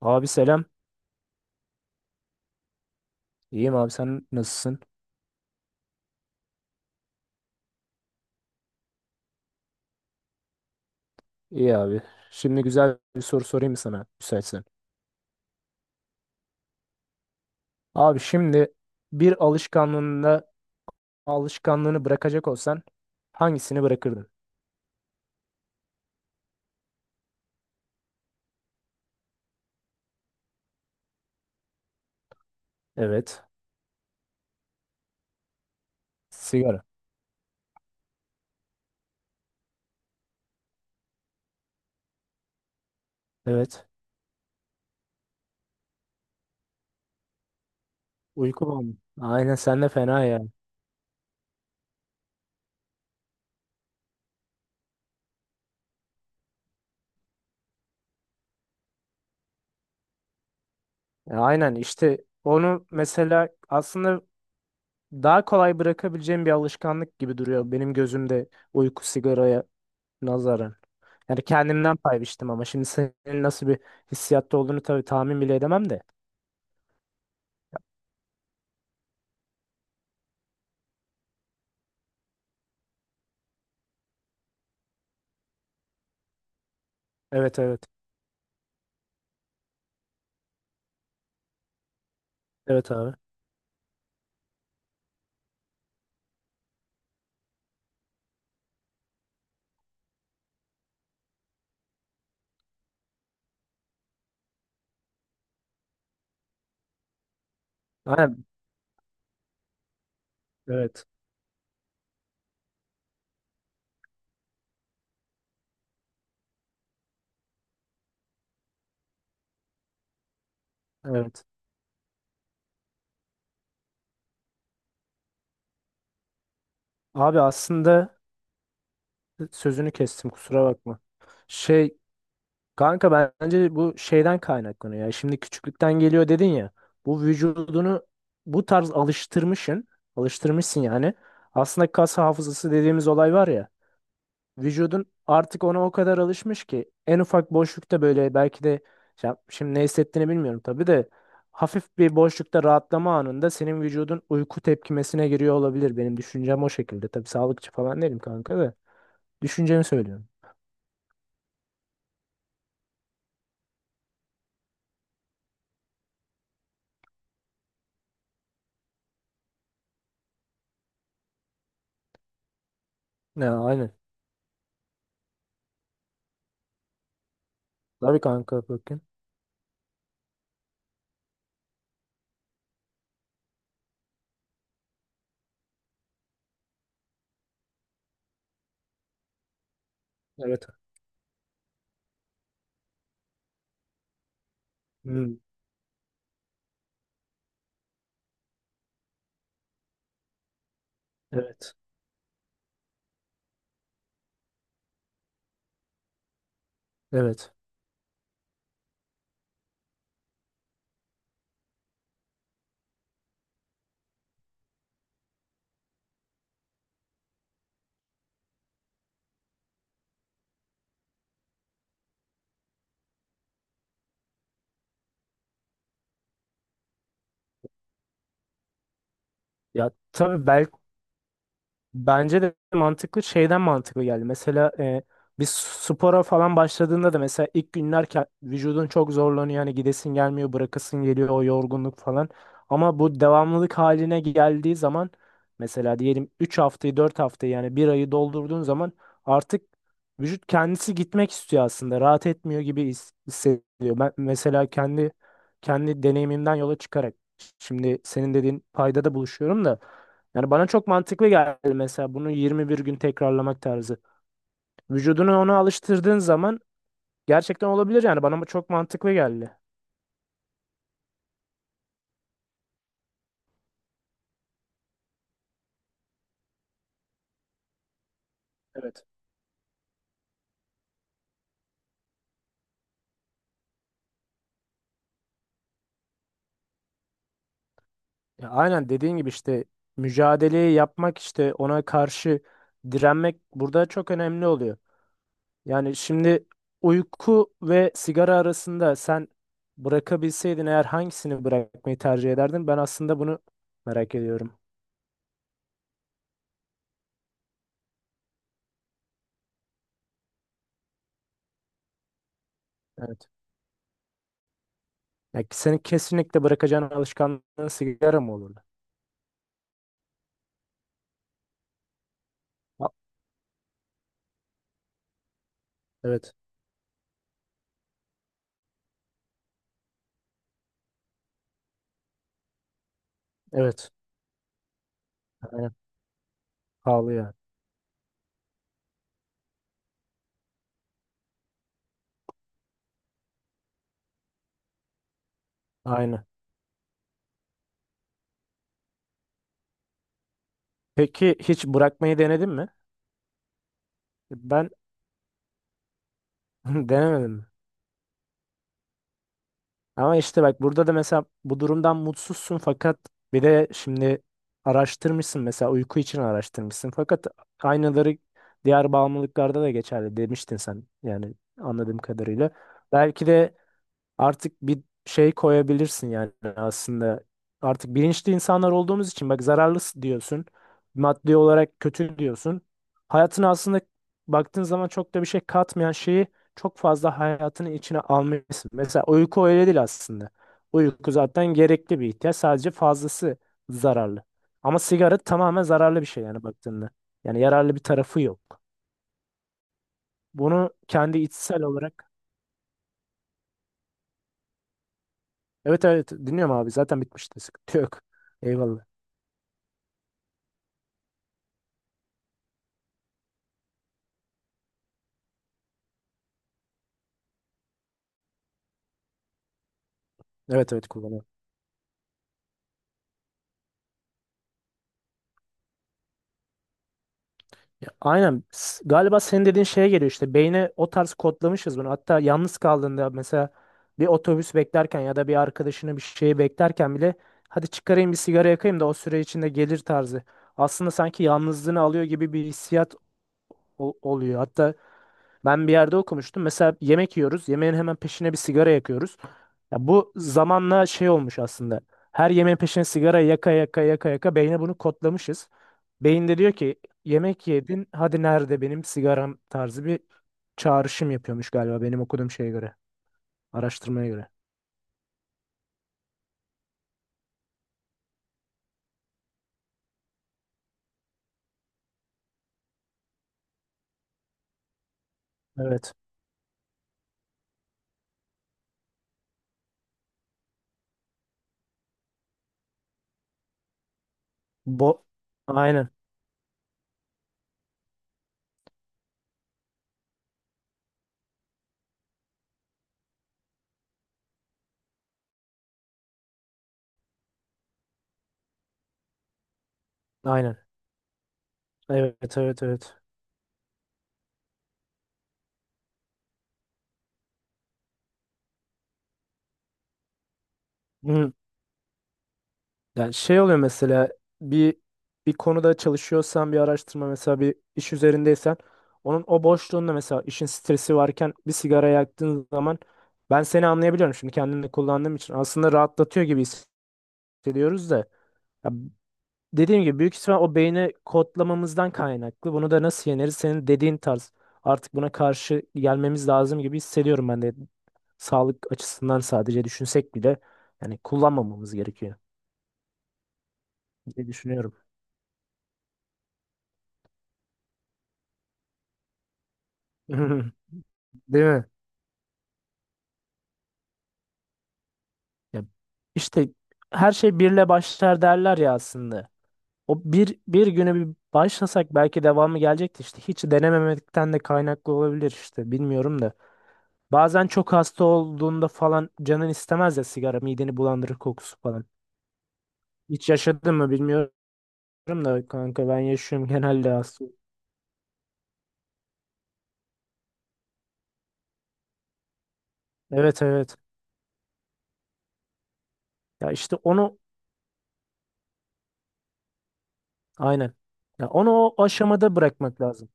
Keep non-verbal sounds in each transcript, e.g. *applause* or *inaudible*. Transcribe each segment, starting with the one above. Abi selam. İyiyim abi, sen nasılsın? İyi abi. Şimdi güzel bir soru sorayım mı sana müsaitsen? Abi şimdi bir alışkanlığında alışkanlığını bırakacak olsan hangisini bırakırdın? Evet. Sigara. Evet. Uyku mu? Aynen, sen de fena ya. Ya aynen, işte onu mesela aslında daha kolay bırakabileceğim bir alışkanlık gibi duruyor benim gözümde uyku sigaraya nazaran. Yani kendimden pay biçtim ama şimdi senin nasıl bir hissiyatta olduğunu tabii tahmin bile edemem de. Evet, evet. Evet abi. Aynen. Evet. Evet. Abi aslında sözünü kestim, kusura bakma. Şey, kanka, bence bu şeyden kaynaklanıyor ya. Şimdi küçüklükten geliyor dedin ya. Bu vücudunu bu tarz alıştırmışsın. Alıştırmışsın yani. Aslında kas hafızası dediğimiz olay var ya. Vücudun artık ona o kadar alışmış ki en ufak boşlukta böyle belki de, ya şimdi ne hissettiğini bilmiyorum tabii de, hafif bir boşlukta rahatlama anında senin vücudun uyku tepkimesine giriyor olabilir. Benim düşüncem o şekilde. Tabii sağlıkçı falan değilim kanka, da düşüncemi söylüyorum. Ya aynen. Tabii kanka, bakın. Evet. Hmm, evet. Evet. Ya tabii, belki bence de mantıklı, şeyden mantıklı geldi. Mesela biz spora falan başladığında da mesela ilk günler vücudun çok zorlanıyor. Hani gidesin gelmiyor, bırakasın geliyor o yorgunluk falan. Ama bu devamlılık haline geldiği zaman mesela diyelim 3 haftayı 4 haftayı yani bir ayı doldurduğun zaman artık vücut kendisi gitmek istiyor aslında. Rahat etmiyor gibi hissediyor. Ben mesela kendi deneyimimden yola çıkarak şimdi senin dediğin paydada buluşuyorum da yani bana çok mantıklı geldi mesela bunu 21 gün tekrarlamak tarzı. Vücudunu ona alıştırdığın zaman gerçekten olabilir, yani bana çok mantıklı geldi. Evet. Ya aynen dediğin gibi işte mücadeleyi yapmak, işte ona karşı direnmek burada çok önemli oluyor. Yani şimdi uyku ve sigara arasında sen bırakabilseydin eğer hangisini bırakmayı tercih ederdin? Ben aslında bunu merak ediyorum. Evet. Yani senin kesinlikle bırakacağın alışkanlığın sigara mı olurdu? Ha- Evet. Evet. Aynen. Pahalı yani. Aynen. Peki hiç bırakmayı denedin mi? Ben *laughs* denemedim mi? Ama işte bak, burada da mesela bu durumdan mutsuzsun fakat bir de şimdi araştırmışsın, mesela uyku için araştırmışsın fakat aynaları diğer bağımlılıklarda da geçerli demiştin sen, yani anladığım kadarıyla. Belki de artık bir şey koyabilirsin yani aslında. Artık bilinçli insanlar olduğumuz için bak, zararlı diyorsun. Maddi olarak kötü diyorsun. Hayatına aslında baktığın zaman çok da bir şey katmayan şeyi çok fazla hayatının içine almışsın. Mesela uyku öyle değil aslında. Uyku zaten gerekli bir ihtiyaç. Sadece fazlası zararlı. Ama sigara tamamen zararlı bir şey yani baktığında. Yani yararlı bir tarafı yok. Bunu kendi içsel olarak evet, evet, dinliyorum abi, zaten bitmişti, sıkıntı yok. Eyvallah. Evet, evet kullanıyorum. Ya, aynen. Galiba senin dediğin şeye geliyor işte. Beyne o tarz kodlamışız bunu. Hatta yalnız kaldığında mesela bir otobüs beklerken ya da bir arkadaşını, bir şeyi beklerken bile hadi çıkarayım bir sigara yakayım da o süre içinde gelir tarzı. Aslında sanki yalnızlığını alıyor gibi bir hissiyat oluyor. Hatta ben bir yerde okumuştum. Mesela yemek yiyoruz. Yemeğin hemen peşine bir sigara yakıyoruz. Ya bu zamanla şey olmuş aslında. Her yemeğin peşine sigara yaka yaka yaka yaka beyne bunu kodlamışız. Beyin de diyor ki yemek yedin hadi nerede benim sigaram tarzı bir çağrışım yapıyormuş galiba benim okuduğum şeye göre. Araştırmaya göre. Evet. Bo aynen. Aynen. Evet, evet, evet. Hı. Yani şey oluyor mesela bir bir konuda çalışıyorsan bir araştırma, mesela bir iş üzerindeysen onun o boşluğunda mesela işin stresi varken bir sigara yaktığın zaman ben seni anlayabiliyorum şimdi kendimde kullandığım için, aslında rahatlatıyor gibi hissediyoruz da ya dediğim gibi büyük ihtimal o beyni kodlamamızdan kaynaklı. Bunu da nasıl yeneriz? Senin dediğin tarz. Artık buna karşı gelmemiz lazım gibi hissediyorum ben de. Sağlık açısından sadece düşünsek bile yani kullanmamamız gerekiyor diye düşünüyorum. *laughs* Değil mi? Ya işte, her şey birle başlar derler ya aslında. O bir güne bir başlasak belki devamı gelecekti işte. Hiç denememekten de kaynaklı olabilir işte. Bilmiyorum da. Bazen çok hasta olduğunda falan canın istemez ya sigara, mideni bulandırır kokusu falan. Hiç yaşadın mı bilmiyorum da kanka, ben yaşıyorum genelde hasta. Evet, evet. Ya işte onu, aynen. Ya onu o aşamada bırakmak lazım.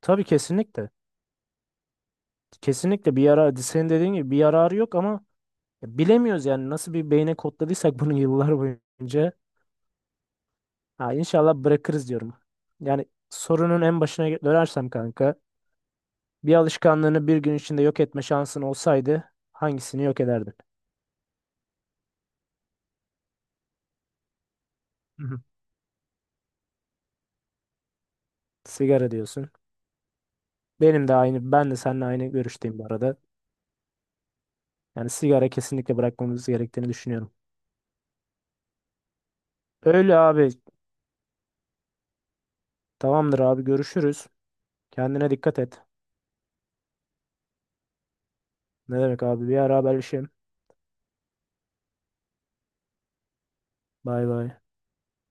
Tabii, kesinlikle. Kesinlikle bir yara senin dediğin gibi bir yararı yok ama ya bilemiyoruz yani nasıl bir beyne kodladıysak *laughs* bunu yıllar boyunca. Ha, inşallah bırakırız diyorum. Yani sorunun en başına dönersem kanka, bir alışkanlığını bir gün içinde yok etme şansın olsaydı hangisini yok ederdin? Hı hı. Sigara diyorsun. Benim de aynı, ben de seninle aynı görüşteyim bu arada. Yani sigara kesinlikle bırakmamız gerektiğini düşünüyorum. Öyle abi. Tamamdır abi, görüşürüz. Kendine dikkat et. Ne demek abi, bir ara haberleşelim. Bay bay.